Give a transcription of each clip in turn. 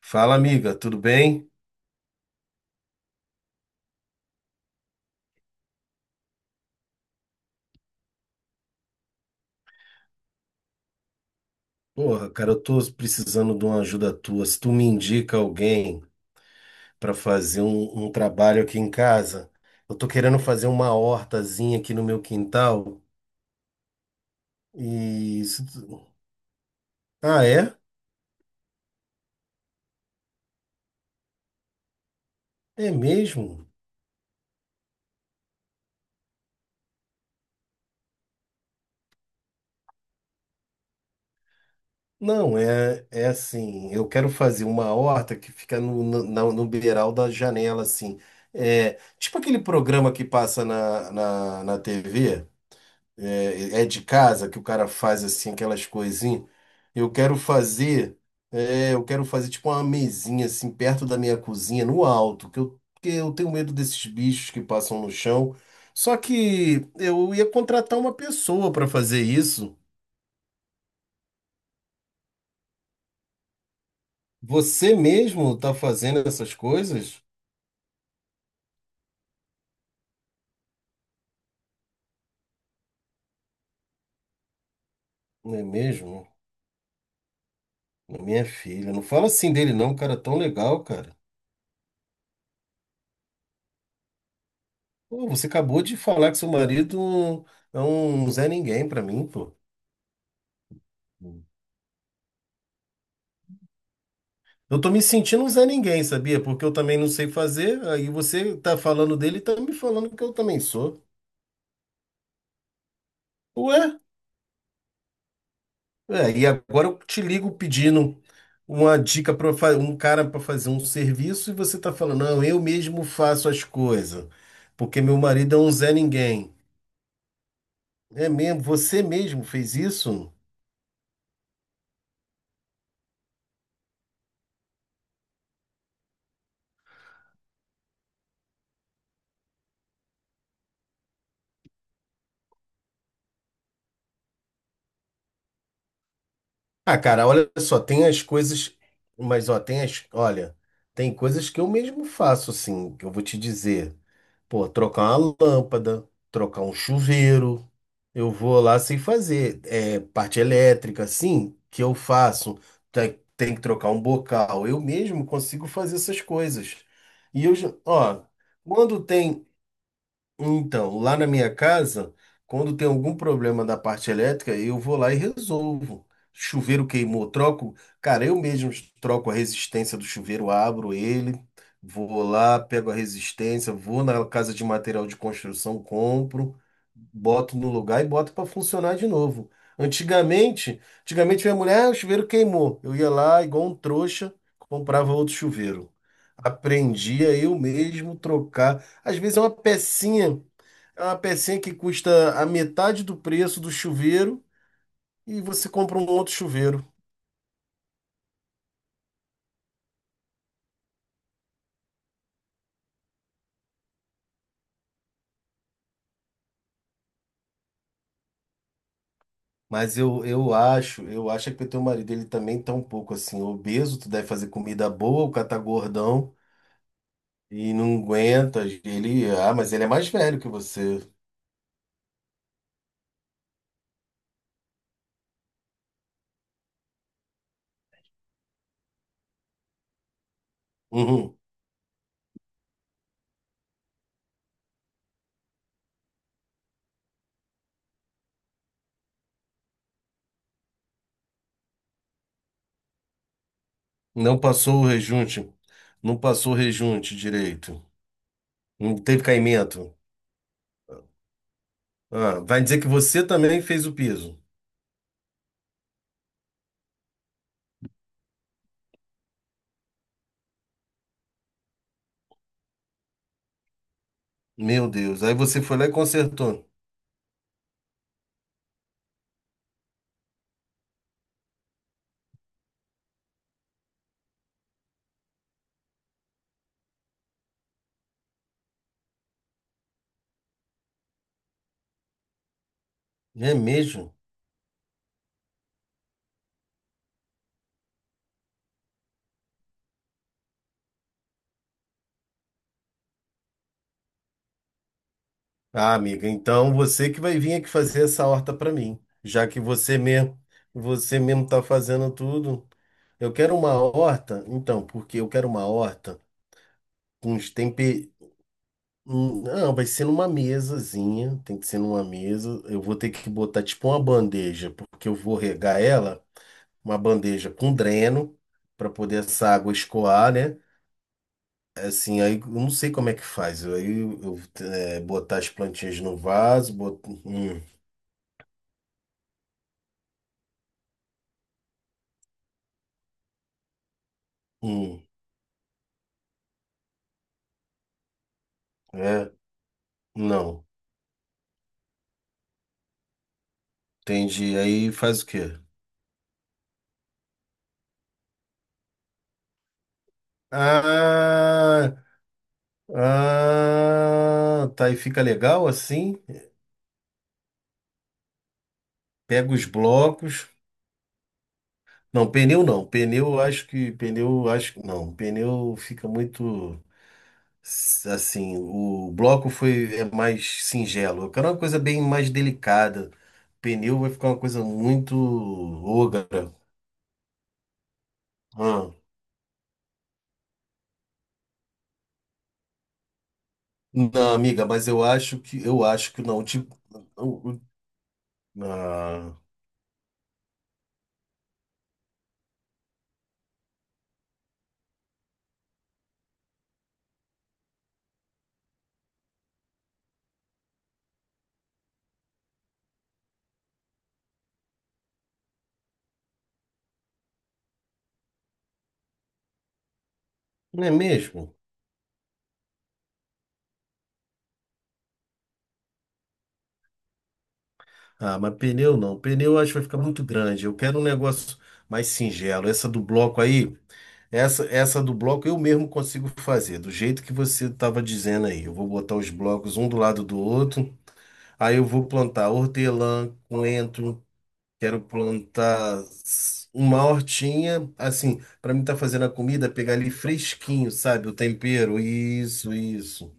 Fala, amiga, tudo bem? Porra, cara, eu tô precisando de uma ajuda tua. Se tu me indica alguém para fazer um trabalho aqui em casa, eu tô querendo fazer uma hortazinha aqui no meu quintal e... se tu- Ah, é? É mesmo? Não, é assim, eu quero fazer uma horta que fica no beiral da janela, assim. É, tipo aquele programa que passa na TV. É, é de casa que o cara faz assim aquelas coisinhas. Eu quero fazer, eu quero fazer tipo uma mesinha assim perto da minha cozinha, no alto, porque eu tenho medo desses bichos que passam no chão. Só que eu ia contratar uma pessoa para fazer isso. Você mesmo tá fazendo essas coisas? Não é mesmo? Minha filha, não fala assim dele não, um cara é tão legal, cara. Pô, você acabou de falar que seu marido é um Zé Ninguém pra mim, pô. Eu tô me sentindo um Zé Ninguém, sabia? Porque eu também não sei fazer, aí você tá falando dele e tá me falando que eu também sou. Ué? É, e agora eu te ligo pedindo uma dica para um cara para fazer um serviço e você tá falando, não, eu mesmo faço as coisas, porque meu marido é um Zé Ninguém. É mesmo? Você mesmo fez isso? Ah, cara, olha só, tem as coisas, mas ó, tem as, olha, tem coisas que eu mesmo faço, assim, que eu vou te dizer. Pô, trocar uma lâmpada, trocar um chuveiro, eu vou lá sem fazer. É, parte elétrica, assim, que eu faço. Tem que trocar um bocal. Eu mesmo consigo fazer essas coisas. E eu, já- ó, Quando tem então, lá na minha casa, quando tem algum problema da parte elétrica, eu vou lá e resolvo. Chuveiro queimou, troco. Cara, eu mesmo troco a resistência do chuveiro, abro ele, vou lá, pego a resistência, vou na casa de material de construção, compro, boto no lugar e boto para funcionar de novo. Antigamente, antigamente minha mulher, ah, o chuveiro queimou. Eu ia lá, igual um trouxa, comprava outro chuveiro. Aprendi a eu mesmo trocar. Às vezes é uma pecinha que custa a metade do preço do chuveiro e você compra um outro chuveiro. Mas eu acho, eu acho que o teu marido ele também tá um pouco assim obeso, tu deve fazer comida boa, o cara tá gordão e não aguenta. Ele, ah, mas ele é mais velho que você. Uhum. Não passou o rejunte, não passou o rejunte direito. Não teve caimento. Ah, vai dizer que você também fez o piso. Meu Deus, aí você foi lá e consertou. É mesmo? Ah, amiga, então você que vai vir aqui fazer essa horta para mim, já que você mesmo tá fazendo tudo. Eu quero uma horta, então, porque eu quero uma horta com os temper... não, vai ser numa mesazinha, tem que ser numa mesa. Eu vou ter que botar tipo uma bandeja, porque eu vou regar ela, uma bandeja com dreno para poder essa água escoar, né? Assim, aí eu não sei como é que faz. Aí botar as plantinhas no vaso, botar é, não. Entendi. Aí faz o quê? Ah, ah, tá. E fica legal assim? Pega os blocos. Não, pneu não. Pneu, eu acho que. Pneu, eu acho que. Não, pneu fica muito. Assim, o bloco foi é mais singelo. Eu quero uma coisa bem mais delicada. Pneu vai ficar uma coisa muito ogra. Ah, não, amiga, mas eu acho que. Eu acho que não. Tipo. Não, ah, não é mesmo? Ah, mas pneu não. Pneu eu acho que vai ficar muito grande. Eu quero um negócio mais singelo. Essa do bloco aí, essa do bloco eu mesmo consigo fazer, do jeito que você estava dizendo aí. Eu vou botar os blocos um do lado do outro. Aí eu vou plantar hortelã, coentro, quero plantar uma hortinha, assim, para mim estar fazendo a comida, pegar ali fresquinho, sabe? O tempero, isso, isso.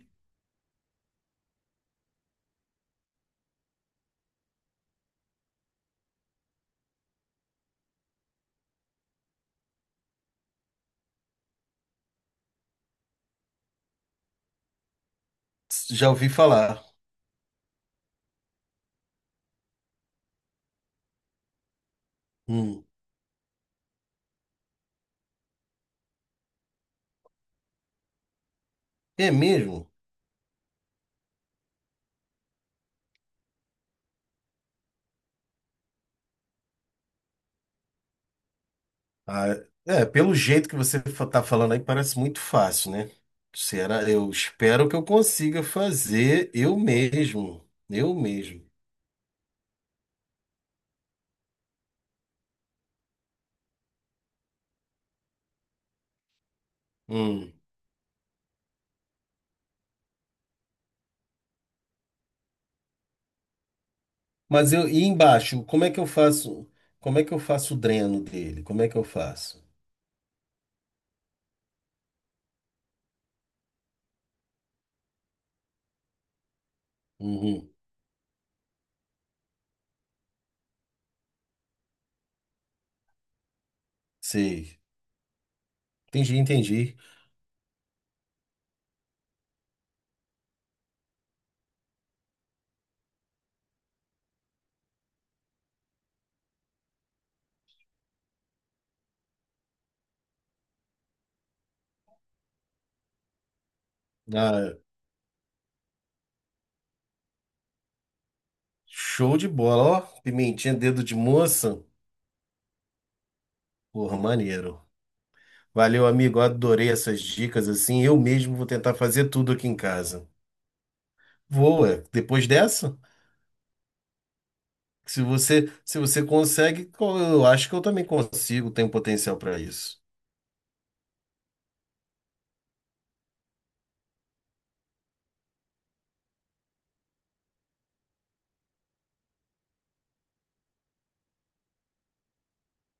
Já ouvi falar. Hum. É mesmo? Ah, é, pelo jeito que você tá falando aí, parece muito fácil, né? Será? Eu espero que eu consiga fazer eu mesmo. Eu mesmo. Hum. Mas eu, e embaixo, como é que eu faço? Como é que eu faço o dreno dele? Como é que eu faço? Uhum. Sei. Entendi, entendi. Ah, show de bola, ó. Pimentinha, dedo de moça. Porra, maneiro. Valeu, amigo. Adorei essas dicas assim. Eu mesmo vou tentar fazer tudo aqui em casa. Vou, é. Depois dessa? Se você, se você consegue, eu acho que eu também consigo, tenho potencial para isso.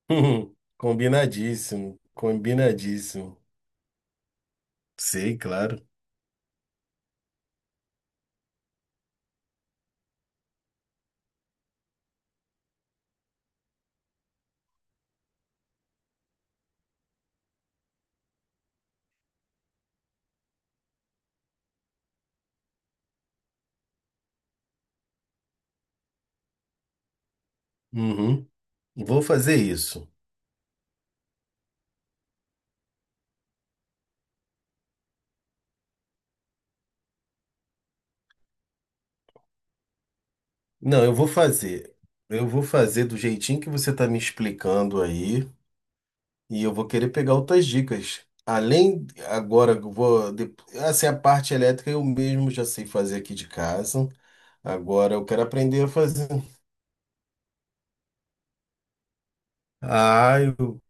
Combinadíssimo, combinadíssimo. Sei, claro. Uhum. Vou fazer isso. Não, eu vou fazer. Eu vou fazer do jeitinho que você está me explicando aí, e eu vou querer pegar outras dicas. Além, agora, assim, a parte elétrica eu mesmo já sei fazer aqui de casa. Agora eu quero aprender a fazer. Ah, eu,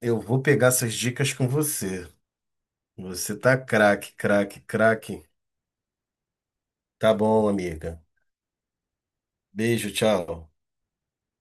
eu vou pegar essas dicas com você. Você tá craque, craque, craque. Tá bom, amiga. Beijo, tchau.